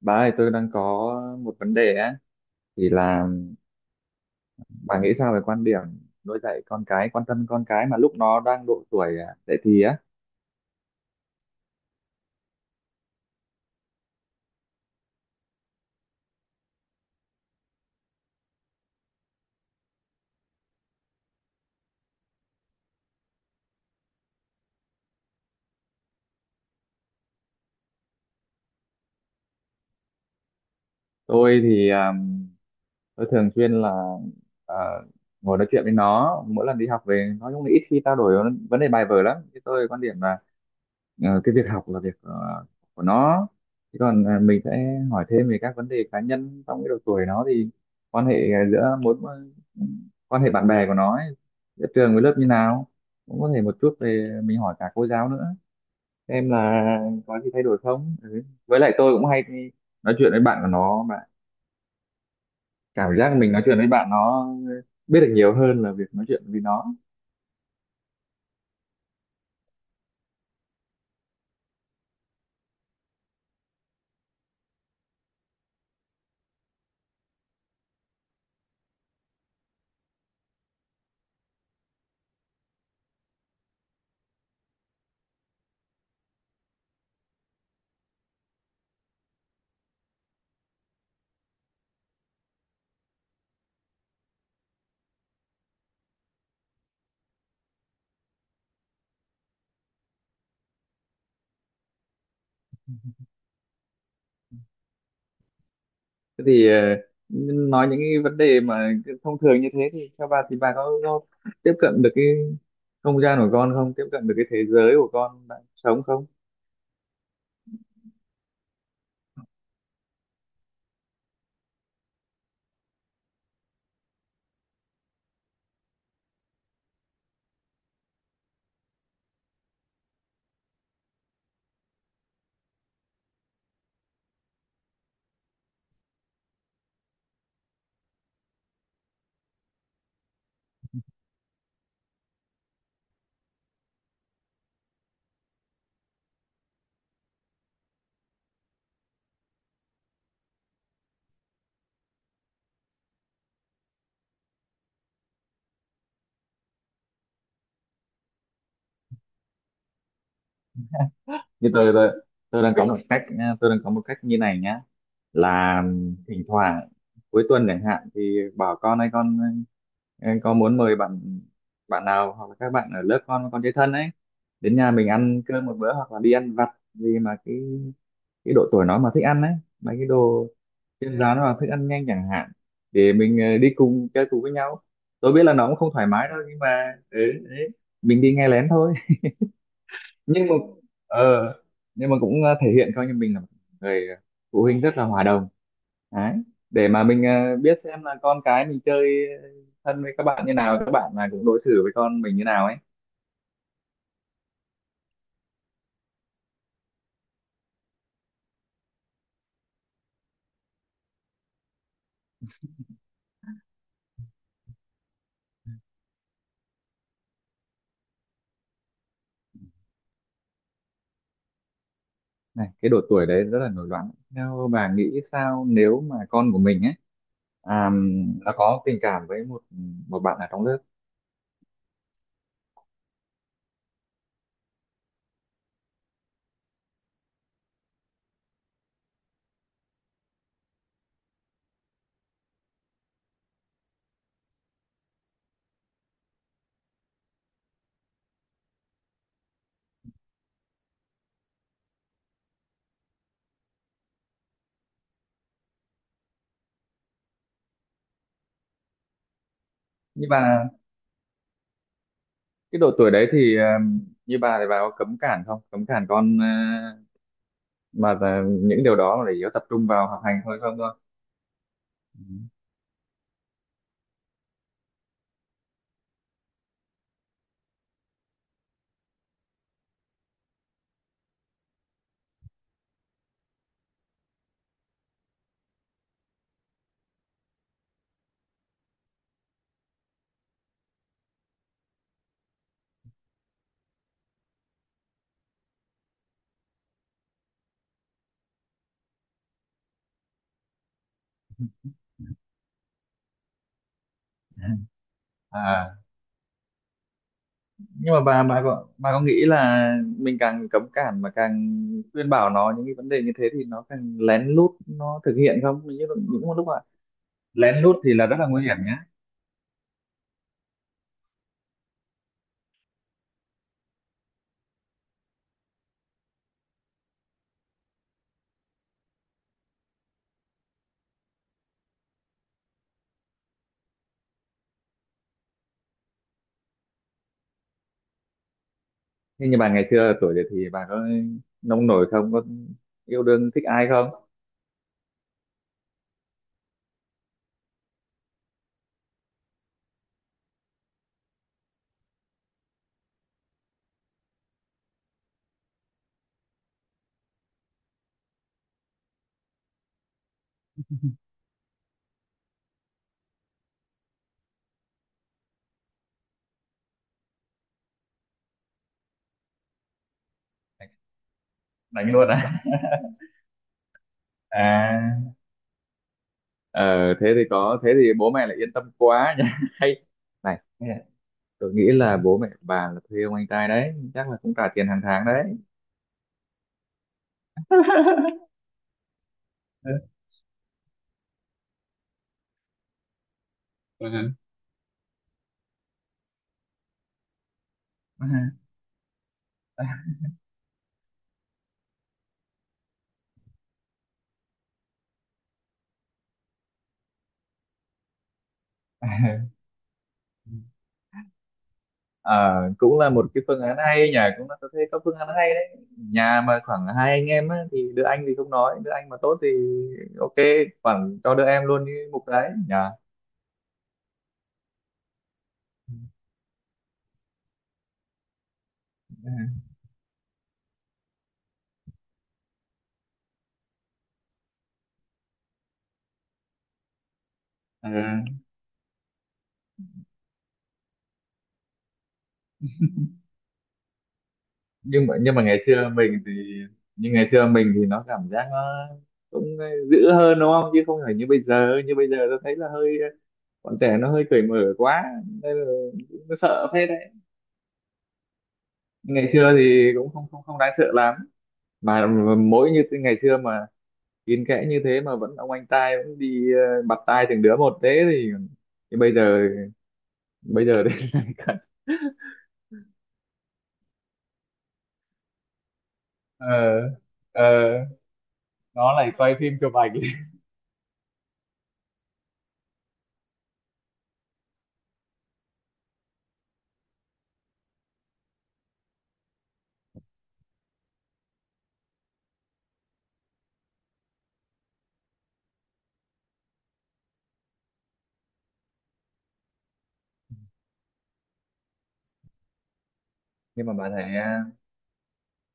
Bà ơi, tôi đang có một vấn đề á, thì là bà nghĩ sao về quan điểm nuôi dạy con cái, quan tâm con cái mà lúc nó đang độ tuổi dậy thì á? Tôi thì tôi thường xuyên là à, ngồi nói chuyện với nó, mỗi lần đi học về nó cũng ít khi trao đổi vấn vấn đề bài vở lắm. Thì tôi quan điểm là cái việc học là việc của nó. Thế còn mình sẽ hỏi thêm về các vấn đề cá nhân trong cái độ tuổi nó, thì quan hệ giữa mối quan hệ bạn bè của nó ấy, giữa trường với lớp như nào, cũng có thể một chút về mình hỏi cả cô giáo nữa xem là có gì thay đổi không, ừ. Với lại tôi cũng hay đi nói chuyện với bạn của nó mà, cảm giác mình nói chuyện với bạn nó ờ, biết được nhiều hơn là việc nói chuyện với nó. Thế thì nói những cái vấn đề mà cứ thông thường như thế thì theo bà thì bà có tiếp cận được cái không gian của con không, tiếp cận được cái thế giới của con đang sống không? Như tôi, đang có một cách nha, tôi đang có một cách như này nhá, là thỉnh thoảng cuối tuần chẳng hạn thì bảo con hay con có muốn mời bạn bạn nào hoặc là các bạn ở lớp con chơi thân ấy đến nhà mình ăn cơm một bữa, hoặc là đi ăn vặt. Vì mà cái độ tuổi nó mà thích ăn ấy, mấy cái đồ trên rán hoặc thức ăn nhanh chẳng hạn, để mình đi cùng chơi cùng với nhau. Tôi biết là nó cũng không thoải mái đâu, nhưng mà ừ, đấy, mình đi nghe lén thôi. Nhưng mà ờ, nhưng mà cũng thể hiện coi như mình là một người phụ huynh rất là hòa đồng đấy, để mà mình biết xem là con cái mình chơi thân với các bạn như nào, các bạn là cũng đối xử với con mình như nào ấy. Này, cái độ tuổi đấy rất là nổi loạn, theo bà nghĩ sao nếu mà con của mình ấy à, nó có tình cảm với một một bạn ở trong lớp? Nhưng mà cái độ tuổi đấy thì như bà thì bà có cấm cản không, cấm cản con mà là những điều đó mà để yếu tập trung vào học hành thôi không thôi? Ừ. À, nhưng mà bà có nghĩ là mình càng cấm cản mà càng khuyên bảo nó những cái vấn đề như thế thì nó càng lén lút nó thực hiện không, những những lúc mà lén lút thì là rất là nguy hiểm nhá? Nhưng như bà ngày xưa ở tuổi đấy thì bà có nông nổi không, có yêu đương thích ai không? Đánh luôn á? À. Ờ, thế thì có, thế thì bố mẹ lại yên tâm quá nhá. Hay này, tôi nghĩ là bố mẹ bà là thuê ông anh trai đấy chắc là cũng trả tiền hàng tháng đấy. Ừ. Ừ. Ờ, cũng là một cái phương án hay nhỉ, cũng là tôi thấy có phương án hay đấy. Nhà mà khoảng hai anh em á, thì đứa anh thì không nói, đứa anh mà tốt thì ok, khoảng cho đứa em luôn đi mục đấy nhỉ. Ừ. Ừ. Nhưng mà Ngày xưa mình thì, nhưng ngày xưa mình thì nó cảm giác nó cũng dữ hơn đúng không, chứ không phải như bây giờ. Như bây giờ tôi thấy là hơi, bọn trẻ nó hơi cởi mở quá nên là cũng sợ phết đấy. Ngày xưa thì cũng không không không đáng sợ lắm, mà mỗi như ngày xưa mà kín kẽ như thế mà vẫn ông anh trai vẫn đi bặt tai từng đứa một thế thì bây giờ, bây giờ thì ờ, ờ, nó lại quay phim chụp ảnh. Nhưng mà bà thấy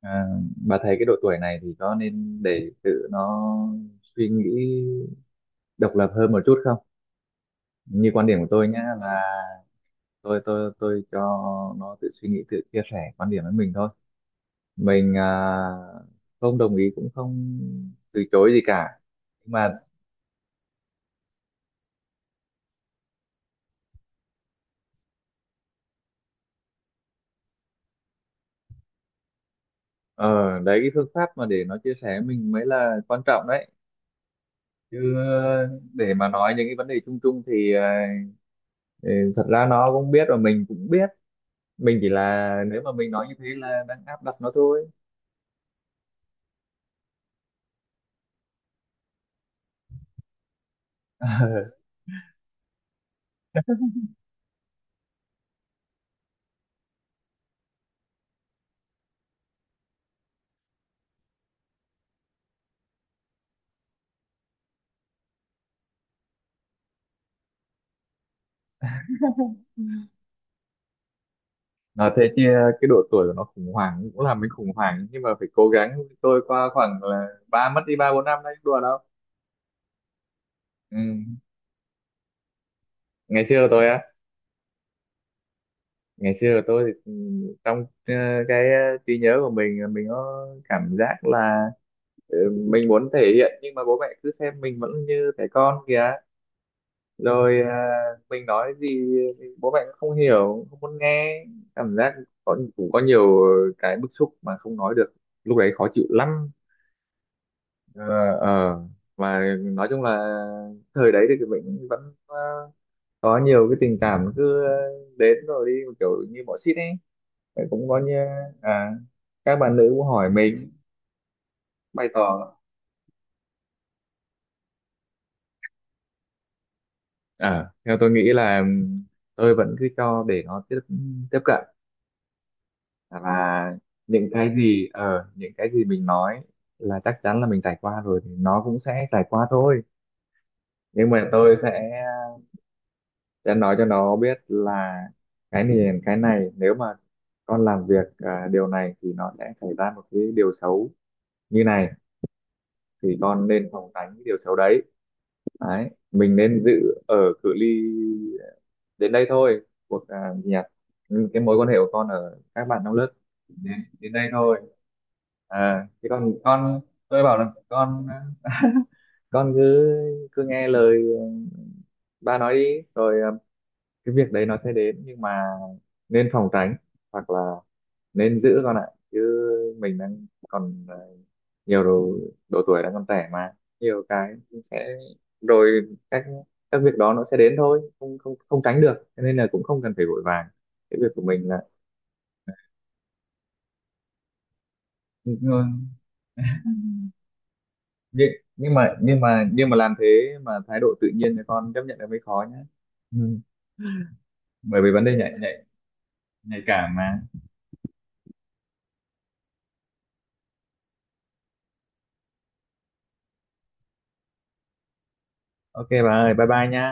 À, bà thấy cái độ tuổi này thì có nên để tự nó suy nghĩ độc lập hơn một chút không? Như quan điểm của tôi nhá, là tôi cho nó tự suy nghĩ, tự chia sẻ quan điểm với mình thôi. Mình không đồng ý cũng không từ chối gì cả. Nhưng mà ờ, đấy, cái phương pháp mà để nó chia sẻ với mình mới là quan trọng đấy. Chứ để mà nói những cái vấn đề chung chung thì thì thật ra nó cũng biết và mình cũng biết, mình chỉ là nếu mà mình nói như thế là đang áp đặt nó thôi. Nói thế chứ cái độ tuổi của nó khủng hoảng cũng làm mình khủng hoảng, nhưng mà phải cố gắng. Tôi qua khoảng là ba mất đi ba bốn năm đấy, đùa đâu. Ừ. Ngày xưa của tôi á, ngày xưa của tôi thì ừ, trong cái trí nhớ của mình mình có cảm giác là ừ, mình muốn thể hiện nhưng mà bố mẹ cứ xem mình vẫn như trẻ con kìa. Rồi mình nói gì thì bố mẹ cũng không hiểu, không muốn nghe, cảm giác cũng có nhiều cái bức xúc mà không nói được, lúc đấy khó chịu lắm. Ờ, ờ. Mà nói chung là thời đấy thì mình vẫn có nhiều cái tình cảm cứ đến rồi đi, một kiểu như bỏ xít ấy. Vậy cũng có như à các bạn nữ cũng hỏi mình bày tỏ. À, theo tôi nghĩ là tôi vẫn cứ cho để nó tiếp tiếp cận, và những cái gì ở những cái gì mình nói là chắc chắn là mình trải qua rồi thì nó cũng sẽ trải qua thôi. Nhưng mà tôi sẽ nói cho nó biết là cái này cái này nếu mà con làm việc điều này thì nó sẽ xảy ra một cái điều xấu như này, thì con nên phòng tránh cái điều xấu đấy. Đấy, mình nên giữ ở cự ly đến đây thôi, cuộc gì nhỉ, ừ, cái mối quan hệ của con ở các bạn trong lớp đến đến đây thôi. À thì còn con, tôi bảo là con con cứ cứ nghe lời ừ, ba nói đi, rồi cái việc đấy nó sẽ đến, nhưng mà nên phòng tránh, hoặc là nên giữ con ạ. Chứ mình đang còn nhiều đồ, độ tuổi đang còn trẻ mà nhiều cái sẽ, rồi các việc đó nó sẽ đến thôi, không không không tránh được, cho nên là cũng không cần phải vội vàng, cái việc của mình là. Ừ. nhưng, nhưng mà làm thế mà thái độ tự nhiên thì con chấp nhận là mới khó nhá. Ừ. Bởi vì vấn đề nhạy nhạy nhạy cảm mà. Ok bà ơi, bye bye nhá.